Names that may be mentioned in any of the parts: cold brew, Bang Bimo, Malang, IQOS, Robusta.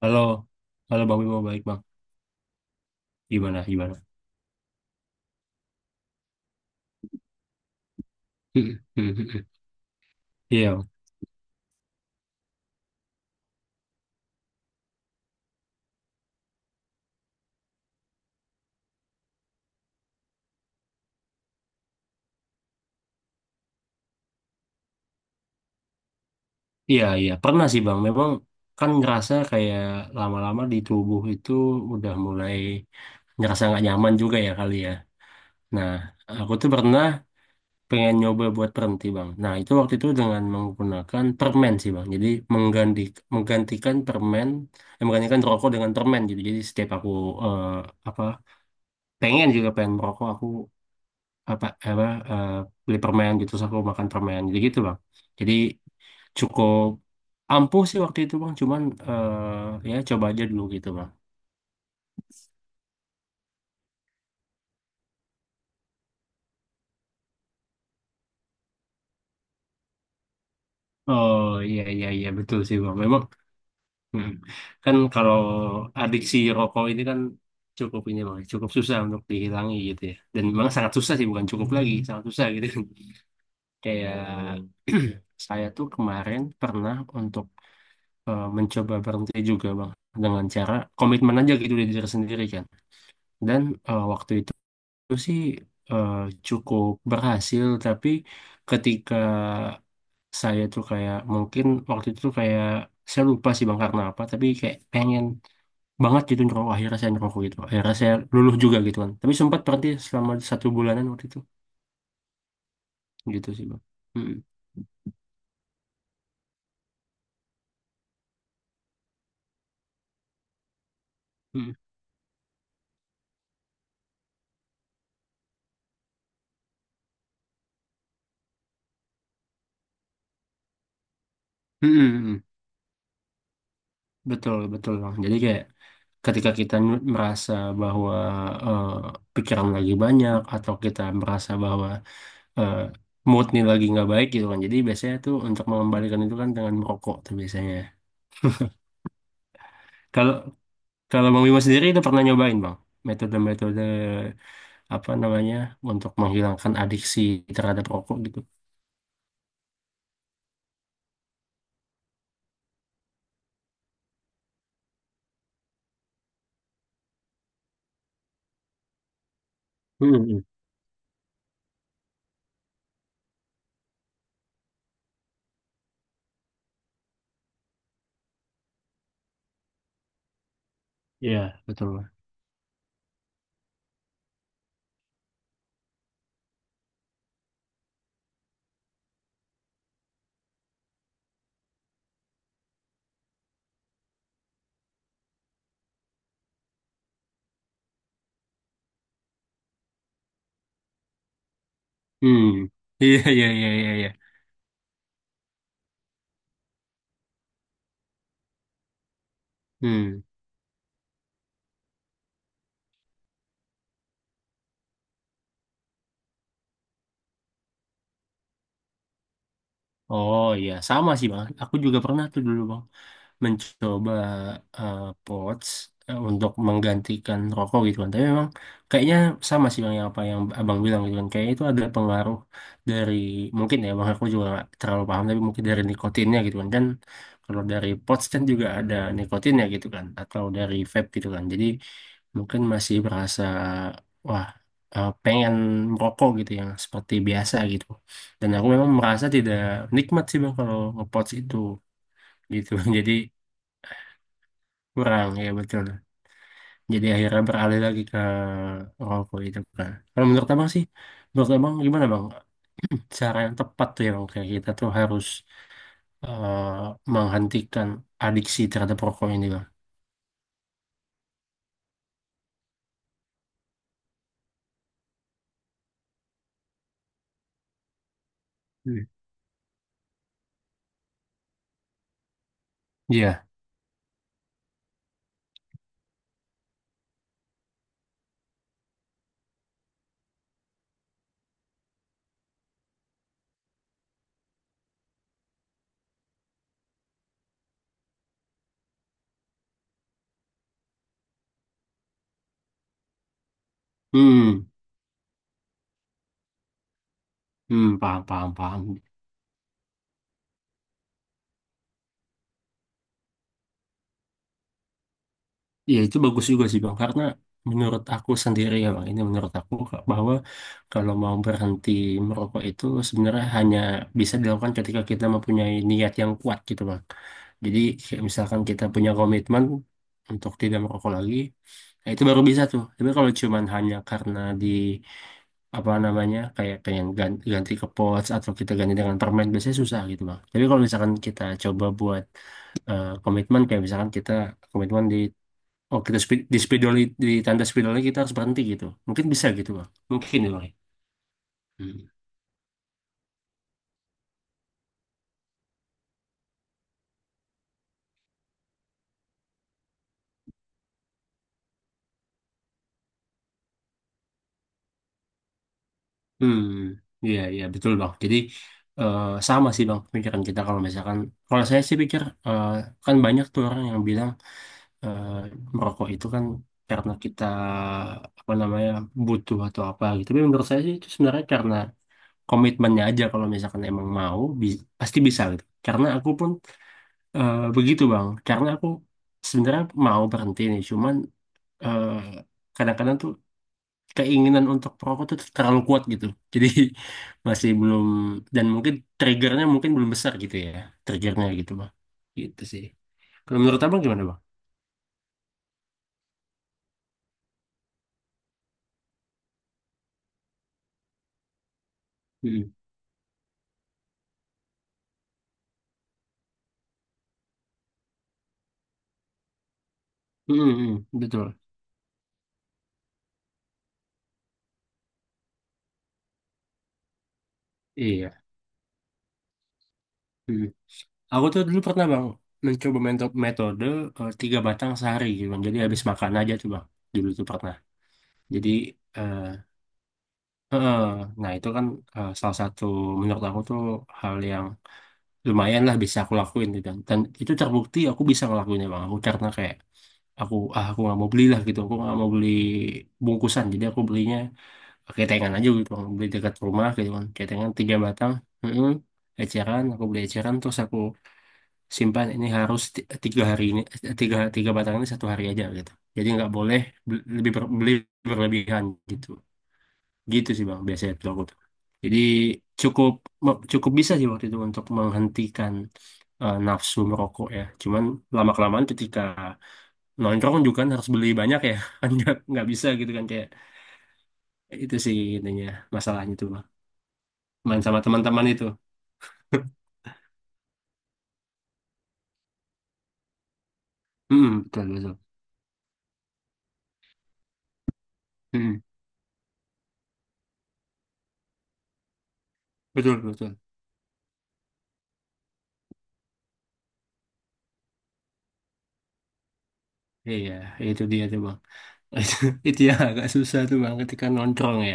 Halo, halo Bang Bimo, baik Bang. Gimana, gimana? Hmm, hmm. Iya, Bang. Iya, iya. Pernah sih Bang. Memang kan ngerasa kayak lama-lama di tubuh itu udah mulai ngerasa nggak nyaman juga ya kali ya. Nah, aku tuh pernah pengen nyoba buat berhenti Bang. Nah, itu waktu itu dengan menggunakan permen sih Bang. Jadi mengganti, menggantikan permen, menggantikan rokok dengan permen gitu. Jadi setiap aku eh, apa pengen juga pengen merokok, aku apa apa eh, beli permen gitu terus aku makan permen jadi gitu bang. Jadi cukup ampuh sih waktu itu bang, cuman ya coba aja dulu gitu bang. Oh iya, iya, iya, betul sih bang. Memang mm. kan kalau adiksi rokok ini kan cukup ini bang, cukup susah untuk dihilangi gitu ya, dan memang sangat susah sih, bukan cukup lagi, sangat susah gitu. Kayak saya tuh kemarin pernah untuk mencoba berhenti juga bang, dengan cara komitmen aja gitu dari diri sendiri kan. Dan waktu itu sih eh, cukup berhasil, tapi ketika saya tuh kayak mungkin waktu itu tuh kayak saya lupa sih bang karena apa, tapi kayak pengen banget gitu ngerokok. Akhirnya saya ngerokok gitu, akhirnya saya luluh juga gitu kan. Tapi sempat berhenti selama satu bulanan waktu itu, gitu sih bang. Mm-mm. Mm-mm. Mm-mm. Betul betul bang. Jadi kayak ketika merasa bahwa eh, pikiran lagi banyak, atau kita merasa bahwa eh, mood nih lagi nggak baik gitu kan. Jadi biasanya tuh untuk mengembalikan itu kan dengan merokok tuh biasanya. Kalau kalau Bang Bimo sendiri itu pernah nyobain Bang metode-metode apa namanya untuk menghilangkan adiksi terhadap rokok gitu. Hmm, hmm. Iya betul. Bang. Hmm. Iya, iya, iya, iya, iya. Hmm. Oh iya sama sih Bang. Aku juga pernah tuh dulu Bang, mencoba eh, pods untuk menggantikan rokok gitu kan. Tapi memang kayaknya sama sih bang, yang apa yang abang bilang gitu kan. Kayaknya itu ada pengaruh dari, mungkin ya bang, aku juga nggak terlalu paham, tapi mungkin dari nikotinnya gitu kan. Kan kalau dari pods kan juga ada nikotinnya gitu kan, atau dari vape gitu kan. Jadi mungkin masih berasa wah, pengen merokok gitu yang seperti biasa gitu. Dan aku memang merasa tidak nikmat sih bang kalau ngepods itu gitu. Jadi kurang ya, betul. Jadi akhirnya beralih lagi ke rokok itu kan. Kalau menurut abang sih, menurut abang gimana bang cara yang tepat tuh, yang kayak kita tuh harus eh, menghentikan adiksi terhadap rokok ini bang. Hmm. Iya, hmm, hmm, paham, paham, paham. Ya itu bagus juga sih Bang, karena menurut aku sendiri ya Bang, ini menurut aku Kak, bahwa kalau mau berhenti merokok itu sebenarnya hanya bisa dilakukan ketika kita mempunyai niat yang kuat gitu Bang. Jadi kayak misalkan kita punya komitmen untuk tidak merokok lagi, nah itu baru bisa tuh. Tapi kalau cuman hanya karena di apa namanya kayak pengen ganti, ganti ke pods atau kita ganti dengan permen, biasanya susah gitu Bang. Tapi kalau misalkan kita coba buat komitmen, kayak misalkan kita komitmen di, oh kita speed, di spidol, di tanda spidolnya kita harus berhenti gitu, mungkin bisa gitu bang, mungkin ya bang ya. Hmm. Hmm. Iya, iya, betul bang. Jadi eh, sama sih bang pikiran kita. Kalau misalkan, kalau saya sih pikir eh, kan banyak tuh orang yang bilang eh, merokok itu kan karena kita apa namanya butuh atau apa gitu, tapi menurut saya sih itu sebenarnya karena komitmennya aja. Kalau misalkan emang mau pasti bisa gitu, karena aku pun begitu bang, karena aku sebenarnya mau berhenti nih, cuman eh, kadang-kadang tuh keinginan untuk perokok tuh terlalu kuat gitu. Jadi masih belum, dan mungkin triggernya mungkin belum besar gitu ya. Triggernya gitu bang. Gitu sih. Kalau menurut abang gimana bang? Mm-mm. Mm-mm, mm, betul. Iya. Mm. Aku tuh dulu pernah bang mencoba metode tiga batang sehari gitu bang. Jadi habis makan aja tuh bang. Dulu tuh pernah. Jadi eh eh, nah itu kan salah satu, menurut aku tuh hal yang lumayan lah bisa aku lakuin gitu. Dan itu terbukti aku bisa ngelakuinnya bang. Aku karena kayak aku, ah aku nggak mau beli lah gitu. Aku nggak mau beli bungkusan. Jadi aku belinya ketengan aja gitu bang. Beli dekat rumah gitu kan. Ketengan tiga batang. Mm-mm. Eceran, aku beli eceran terus aku simpan ini harus tiga hari ini, tiga tiga batang ini satu hari aja gitu. Jadi nggak boleh beli, lebih beli berlebihan gitu. Gitu sih bang, biasanya tuh aku tuh. Jadi cukup cukup bisa sih waktu itu untuk menghentikan nafsu merokok ya. Cuman lama-kelamaan ketika nongkrong juga kan harus beli banyak ya. Kan nggak bisa gitu kan kayak itu sih intinya, masalahnya tuh bang. Main sama teman-teman itu. Mm, betul betul. Mm, betul betul. Iya, itu dia tuh bang. Itu, itu yang agak susah tuh bang ketika nongkrong ya.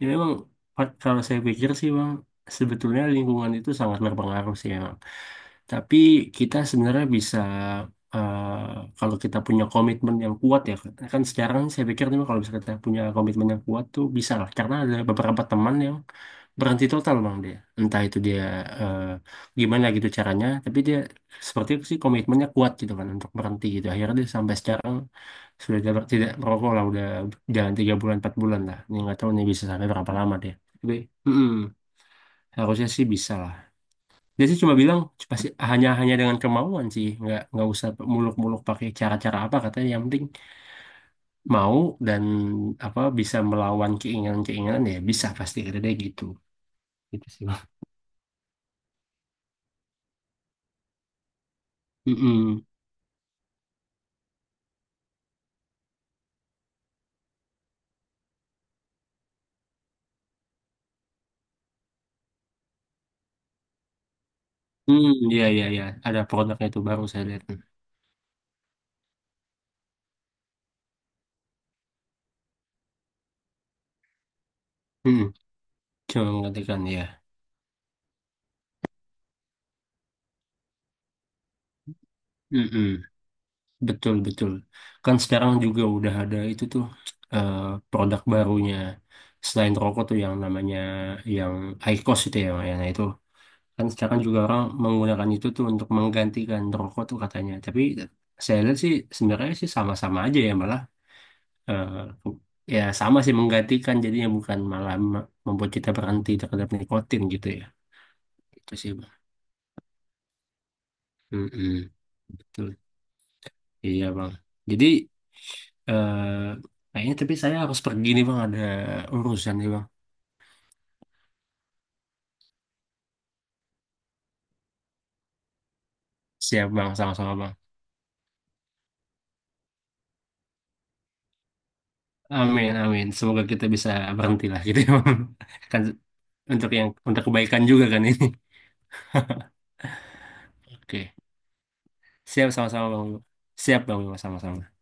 Ya memang, kalau saya pikir sih bang, sebetulnya lingkungan itu sangat berpengaruh sih ya. Tapi kita sebenarnya bisa kalau kita punya komitmen yang kuat ya. Kan sekarang saya pikir nih, kalau bisa kita punya komitmen yang kuat tuh bisa lah, karena ada beberapa teman yang berhenti total bang. Dia entah itu dia eh, gimana gitu caranya, tapi dia seperti itu sih, komitmennya kuat gitu kan untuk berhenti gitu. Akhirnya dia sampai sekarang sudah tidak tidak merokok lah, udah jalan tiga bulan, empat bulan lah, ini nggak tahu nih bisa sampai berapa lama dia. Tapi mm-mm, harusnya sih bisa lah. Dia sih cuma bilang pasti hanya hanya dengan kemauan sih, nggak usah muluk-muluk pakai cara-cara apa katanya. Yang penting mau dan apa bisa melawan keinginan-keinginan, ya bisa, pasti ada dia gitu. Gitu sih. Bang. Mm-mm. Hmm, iya iya iya. Ada produknya itu baru saya lihat. Hmm, cuma mengatakan ya. Mm-mm. Betul betul. Kan sekarang juga udah ada itu tuh, eh, produk barunya selain rokok tuh, yang namanya yang IQOS itu ya, yang itu. Kan sekarang juga orang menggunakan itu tuh untuk menggantikan rokok tuh katanya. Tapi saya lihat sih sebenarnya sih sama-sama aja ya, malah eh, ya sama sih menggantikan jadinya, bukan malah membuat kita berhenti terhadap nikotin gitu ya. Itu sih Bang. Mm-mm. Betul. Iya Bang. Jadi eh, kayaknya tapi saya harus pergi nih Bang, ada urusan nih Bang. Siap Bang, sama-sama Bang. Amin, amin. Semoga kita bisa berhenti lah gitu ya Bang. Kan untuk yang untuk kebaikan juga kan ini. Oke. Siap sama-sama Bang. Bimo. Siap Bang, Bimo, sama-sama.